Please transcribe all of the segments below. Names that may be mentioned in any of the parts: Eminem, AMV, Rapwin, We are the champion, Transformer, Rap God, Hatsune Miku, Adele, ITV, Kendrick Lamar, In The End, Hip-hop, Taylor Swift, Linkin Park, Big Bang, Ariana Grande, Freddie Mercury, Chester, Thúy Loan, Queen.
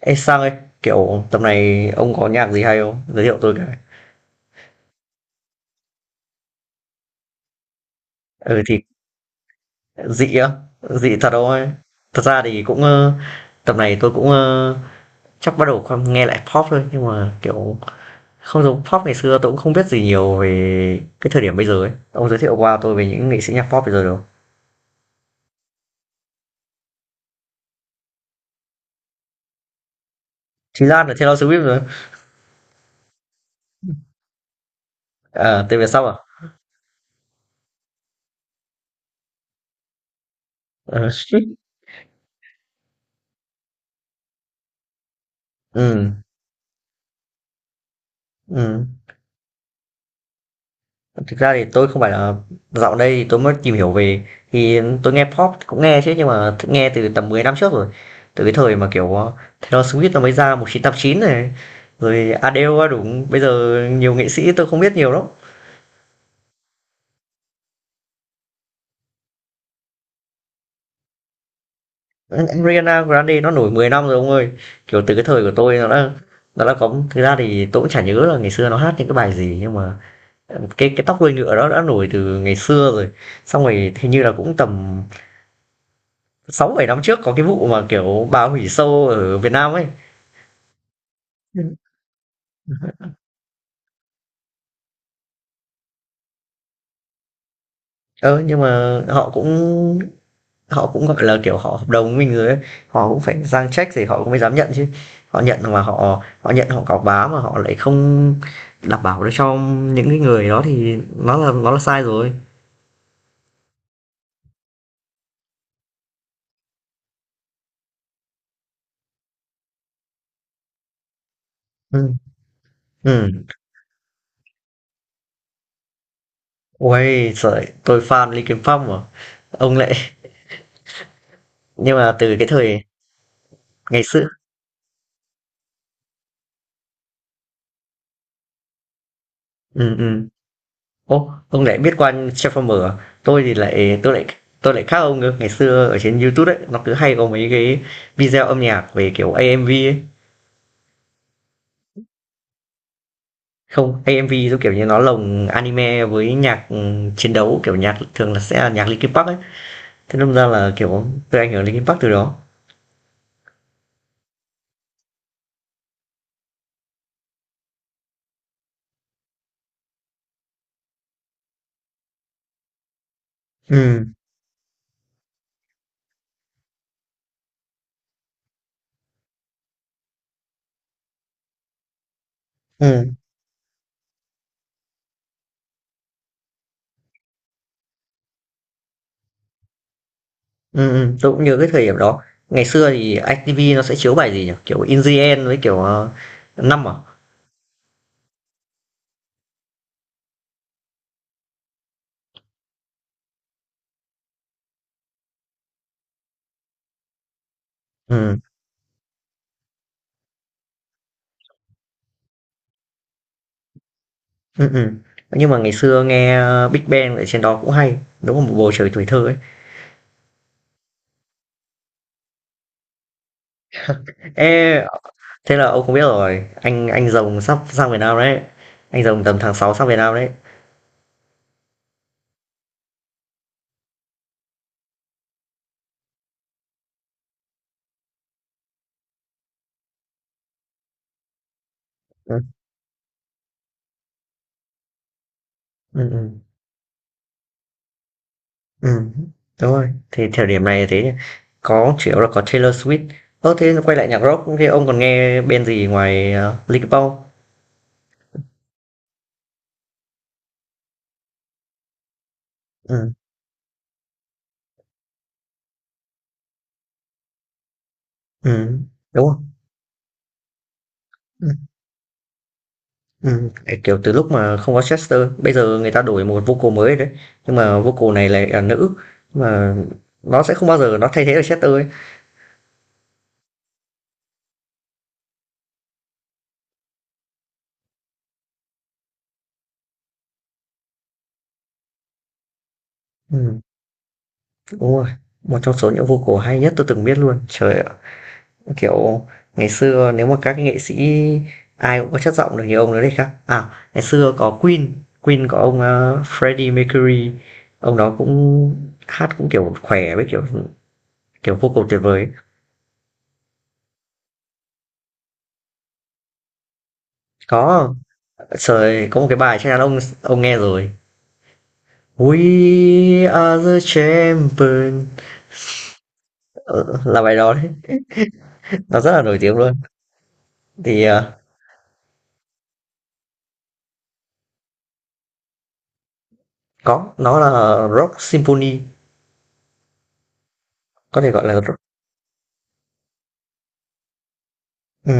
Ê Sang ấy, kiểu tầm này ông có nhạc gì hay không? Giới thiệu tôi cái. Ừ thì dị á, dị thật ông ơi. Thật ra thì cũng tầm này tôi cũng chắc bắt đầu con nghe lại pop thôi, nhưng mà kiểu không giống pop ngày xưa. Tôi cũng không biết gì nhiều về cái thời điểm bây giờ ấy. Ông giới thiệu qua tôi về những nghệ sĩ nhạc pop bây giờ được không? Chí Lan là Taylor Swift rồi. À, tên về sau à? Ờ, Ừ, ừ. Thực ra thì tôi không phải là dạo đây thì tôi mới tìm hiểu về, thì tôi nghe pop cũng nghe chứ, nhưng mà nghe từ tầm 10 năm trước rồi. Từ cái thời mà, kiểu, Taylor Swift nó mới ra 1989 này, rồi Adele đúng. Bây giờ nhiều nghệ sĩ tôi không biết nhiều lắm. Ariana Grande nó nổi 10 năm rồi ông ơi. Kiểu, từ cái thời của tôi nó đã có, thực ra thì tôi cũng chả nhớ là ngày xưa nó hát những cái bài gì, nhưng mà, cái Tóc Đuôi Ngựa đó đã nổi từ ngày xưa rồi. Xong rồi hình như là cũng tầm sáu bảy năm trước có cái vụ mà kiểu bà hủy show ở Việt Nam ấy. Ừ. Ờ nhưng mà họ cũng gọi là kiểu họ hợp đồng với mình rồi ấy, họ cũng phải sang check thì họ cũng mới dám nhận chứ. Họ nhận mà họ họ nhận họ cáo bá mà họ lại không đảm bảo được cho những cái người đó thì nó là sai rồi. Ừ, ừ, ôi trời, tôi fan Linkin Park mà, ông lại, nhưng mà từ cái thời ngày xưa. Ừ, ừ. Ô, ông lại biết qua Transformer à? Tôi thì lại tôi lại tôi lại khác ông nữa. Ngày xưa ở trên YouTube ấy, nó cứ hay có mấy cái video âm nhạc về kiểu AMV ấy. Không, AMV giống kiểu như nó lồng anime với nhạc chiến đấu, kiểu nhạc thường là sẽ là nhạc Linkin Park ấy. Thế nên ra là kiểu tôi ảnh hưởng Linkin Park từ đó. Ừ, ừ, ừ, tôi cũng nhớ cái thời điểm đó. Ngày xưa thì ITV nó sẽ chiếu bài gì nhỉ? Kiểu In The End với kiểu năm à? Ừ. Ừm. Nhưng mà ngày xưa nghe, ơ, Big Bang ở trên đó cũng hay, đúng là một bầu trời tuổi thơ ấy. Ê, thế là ông không biết rồi, anh Rồng sắp sang Việt Nam đấy, anh Rồng tầm tháng sáu sang Việt Nam đấy. Ừm, ừm, ừm, ừm, đúng rồi, thì thời điểm này thế nhỉ. Có chủ yếu là có Taylor Swift. Ơ, thế quay lại nhạc rock, thế ông còn nghe bên gì ngoài, Linkin Park không? Ừm, đúng rồi. Ừ tại, kiểu, từ lúc mà không có Chester, bây giờ người ta đổi một vocal mới đấy, nhưng mà vocal này lại là nữ, nhưng mà nó sẽ không bao giờ nó thay thế được Chester ấy. Ừm, đúng rồi, một trong số những vocal hay nhất tôi từng biết luôn. Trời ạ, kiểu, ngày xưa nếu mà các cái nghệ sĩ ai cũng có chất giọng được như ông đấy đấy khác à, ngày xưa có Queen, Queen có ông, ơ, Freddie Mercury, ông đó cũng hát cũng, kiểu, khỏe với, kiểu, kiểu, vocal tuyệt vời. Có, trời, có một cái bài chắc chắn ông nghe rồi, We are the champion. Ờ, là bài đó đấy, nó rất là nổi tiếng luôn. Thì có, nó là rock symphony, có thể gọi là rock. Ừ,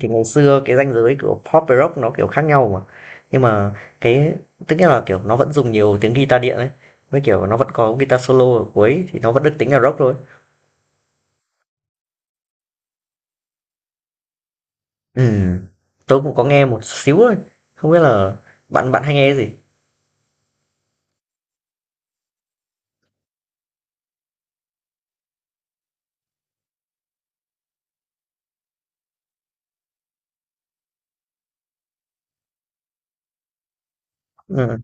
thì ngày xưa cái ranh giới của pop và rock nó kiểu khác nhau mà. Nhưng mà cái tức nghĩa là kiểu nó vẫn dùng nhiều tiếng guitar điện ấy, với kiểu nó vẫn có guitar solo ở cuối thì nó vẫn được tính là rock thôi. Ừ, tôi cũng có nghe một xíu thôi, không biết là bạn bạn hay nghe cái gì. Ừ.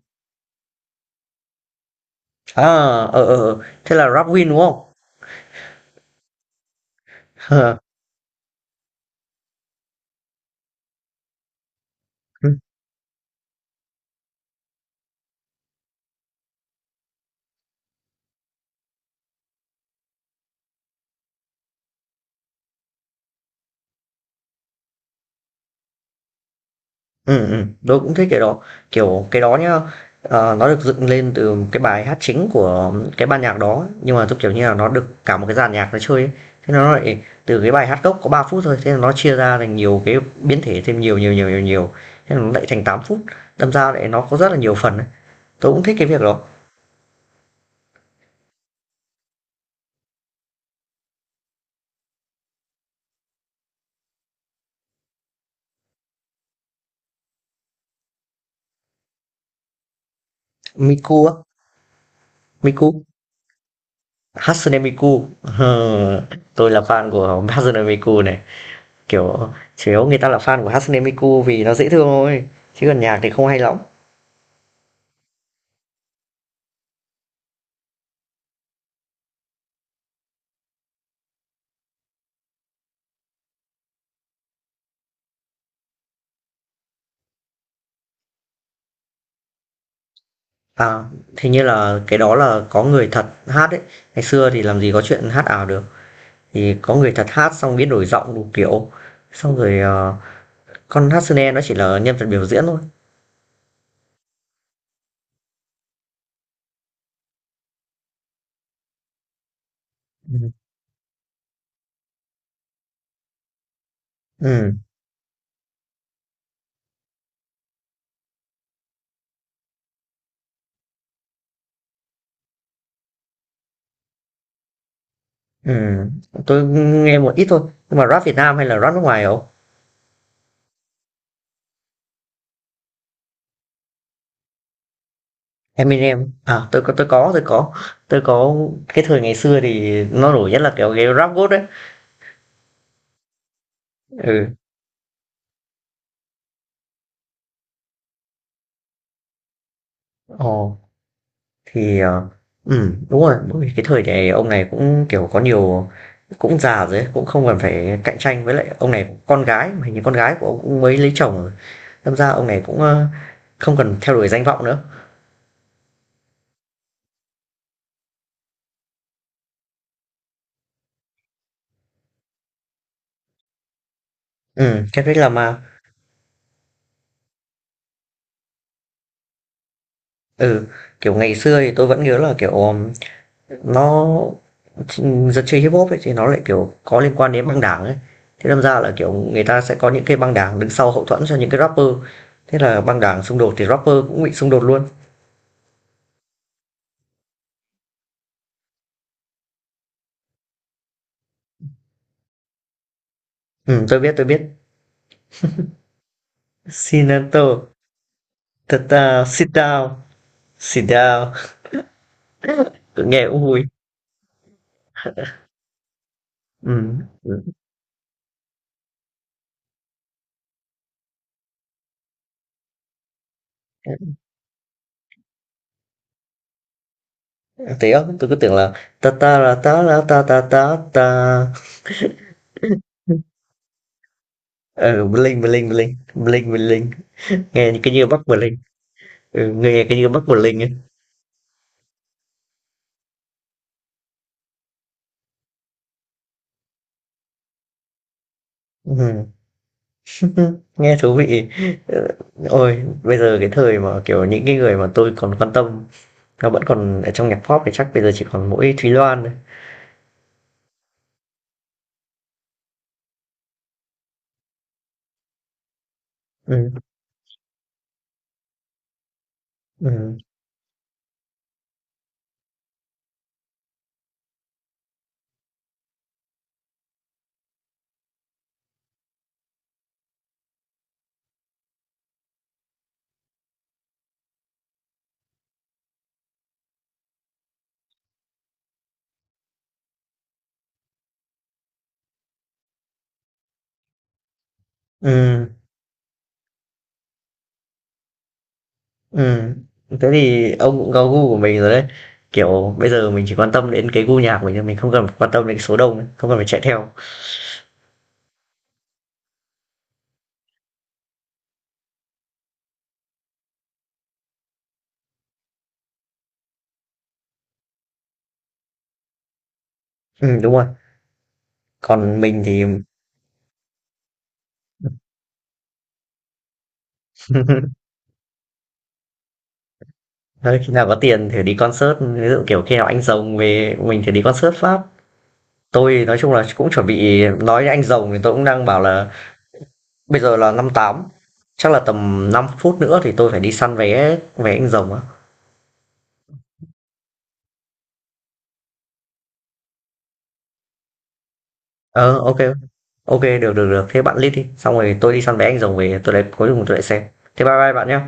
À, ờ. Thế là Rapwin đúng không? Ừ, tớ cũng thích cái đó. Kiểu, cái đó nhá, ờ, nó được dựng lên từ cái bài hát chính của cái ban nhạc đó, nhưng mà, giống kiểu như là, nó được cả một cái dàn nhạc nó chơi ấy. Thế nó lại từ cái bài hát gốc có 3 phút thôi, thế là nó chia ra thành nhiều cái biến thể, thêm nhiều, nhiều, nhiều, nhiều, nhiều, thế là nó lại thành 8 phút, đâm ra lại nó có rất là nhiều phần ấy. Tớ cũng thích cái việc đó. Miku á, Miku, Hatsune Miku, ờ, tôi là fan của Hatsune Miku này. Kiểu, chủ yếu người ta là fan của Hatsune Miku vì nó dễ thương thôi, chứ còn nhạc thì không hay lắm. À, thế như là cái đó là có người thật hát ấy. Ngày xưa thì làm gì có chuyện hát ảo được. Thì có người thật hát xong biến đổi giọng đủ kiểu. Xong rồi, con Hatsune nó chỉ là nhân vật biểu diễn thôi. Ừm, ừm, ừm, tôi nghe một ít thôi. Nhưng mà Rap Việt Nam hay là Rap nước ngoài không? Eminem. À, tôi có. Tôi có cái thời ngày xưa thì nó nổi nhất là kiểu cái Rap God đấy. Ừ. Ồ. Thì, đúng rồi, đúng cái thời này ông này cũng, kiểu, có nhiều, cũng già rồi ấy, cũng không cần phải cạnh tranh với lại ông này con gái, mà hình như con gái của ông cũng mới lấy chồng rồi, đâm ra ông này cũng, ơ, không cần theo đuổi danh vọng nữa. Kendrick Lamar. Ừ, kiểu, ngày xưa thì tôi vẫn nhớ là, kiểu, nó ch dân chơi Hip-hop ấy thì nó lại, kiểu, có liên quan đến băng đảng ấy, thế đâm ra là, kiểu, người ta sẽ có những cái băng đảng đứng sau hậu thuẫn cho những cái rapper, thế là băng đảng xung đột thì rapper cũng bị xung đột luôn. Tôi biết. Shinato, thật ra sit down, sit down. Cứ nghe cũng vui. Ừ. Ừ. Thì đó, tôi cứ tưởng là ta ta ra ta ra ta ta ta ta. Ờ, bling bling bling, bling bling. Nghe cái như Bắc Berlin. Ừ, nghe cái như Bắc Berlin ấy. Ừ. Nghe thú vị. Ờ, ôi, bây giờ cái thời mà kiểu những cái người mà tôi còn quan tâm, nó vẫn còn ở trong nhạc pop thì chắc bây giờ chỉ còn mỗi Thúy Loan thôi. Ừ. Ừ. Ừ. Ừ, thế thì ông cũng có gu của mình rồi đấy. Kiểu bây giờ mình chỉ quan tâm đến cái gu nhạc của mình thôi, mình không cần quan tâm đến cái số đông nữa, không cần phải chạy theo. Ừ đúng rồi. Còn mình thì thôi, khi nào có tiền thì đi concert, ví dụ kiểu khi nào anh rồng về mình thì đi concert Pháp. Tôi nói chung là cũng chuẩn bị nói với anh rồng thì tôi cũng đang bảo là bây giờ là năm tám, chắc là tầm 5 phút nữa thì tôi phải đi săn vé vé anh rồng á. Ờ ok, ok được được được, thế bạn list đi, xong rồi tôi đi săn vé anh rồng về tôi lại cuối cùng tôi lại xem. Thế bye bye bạn nhé.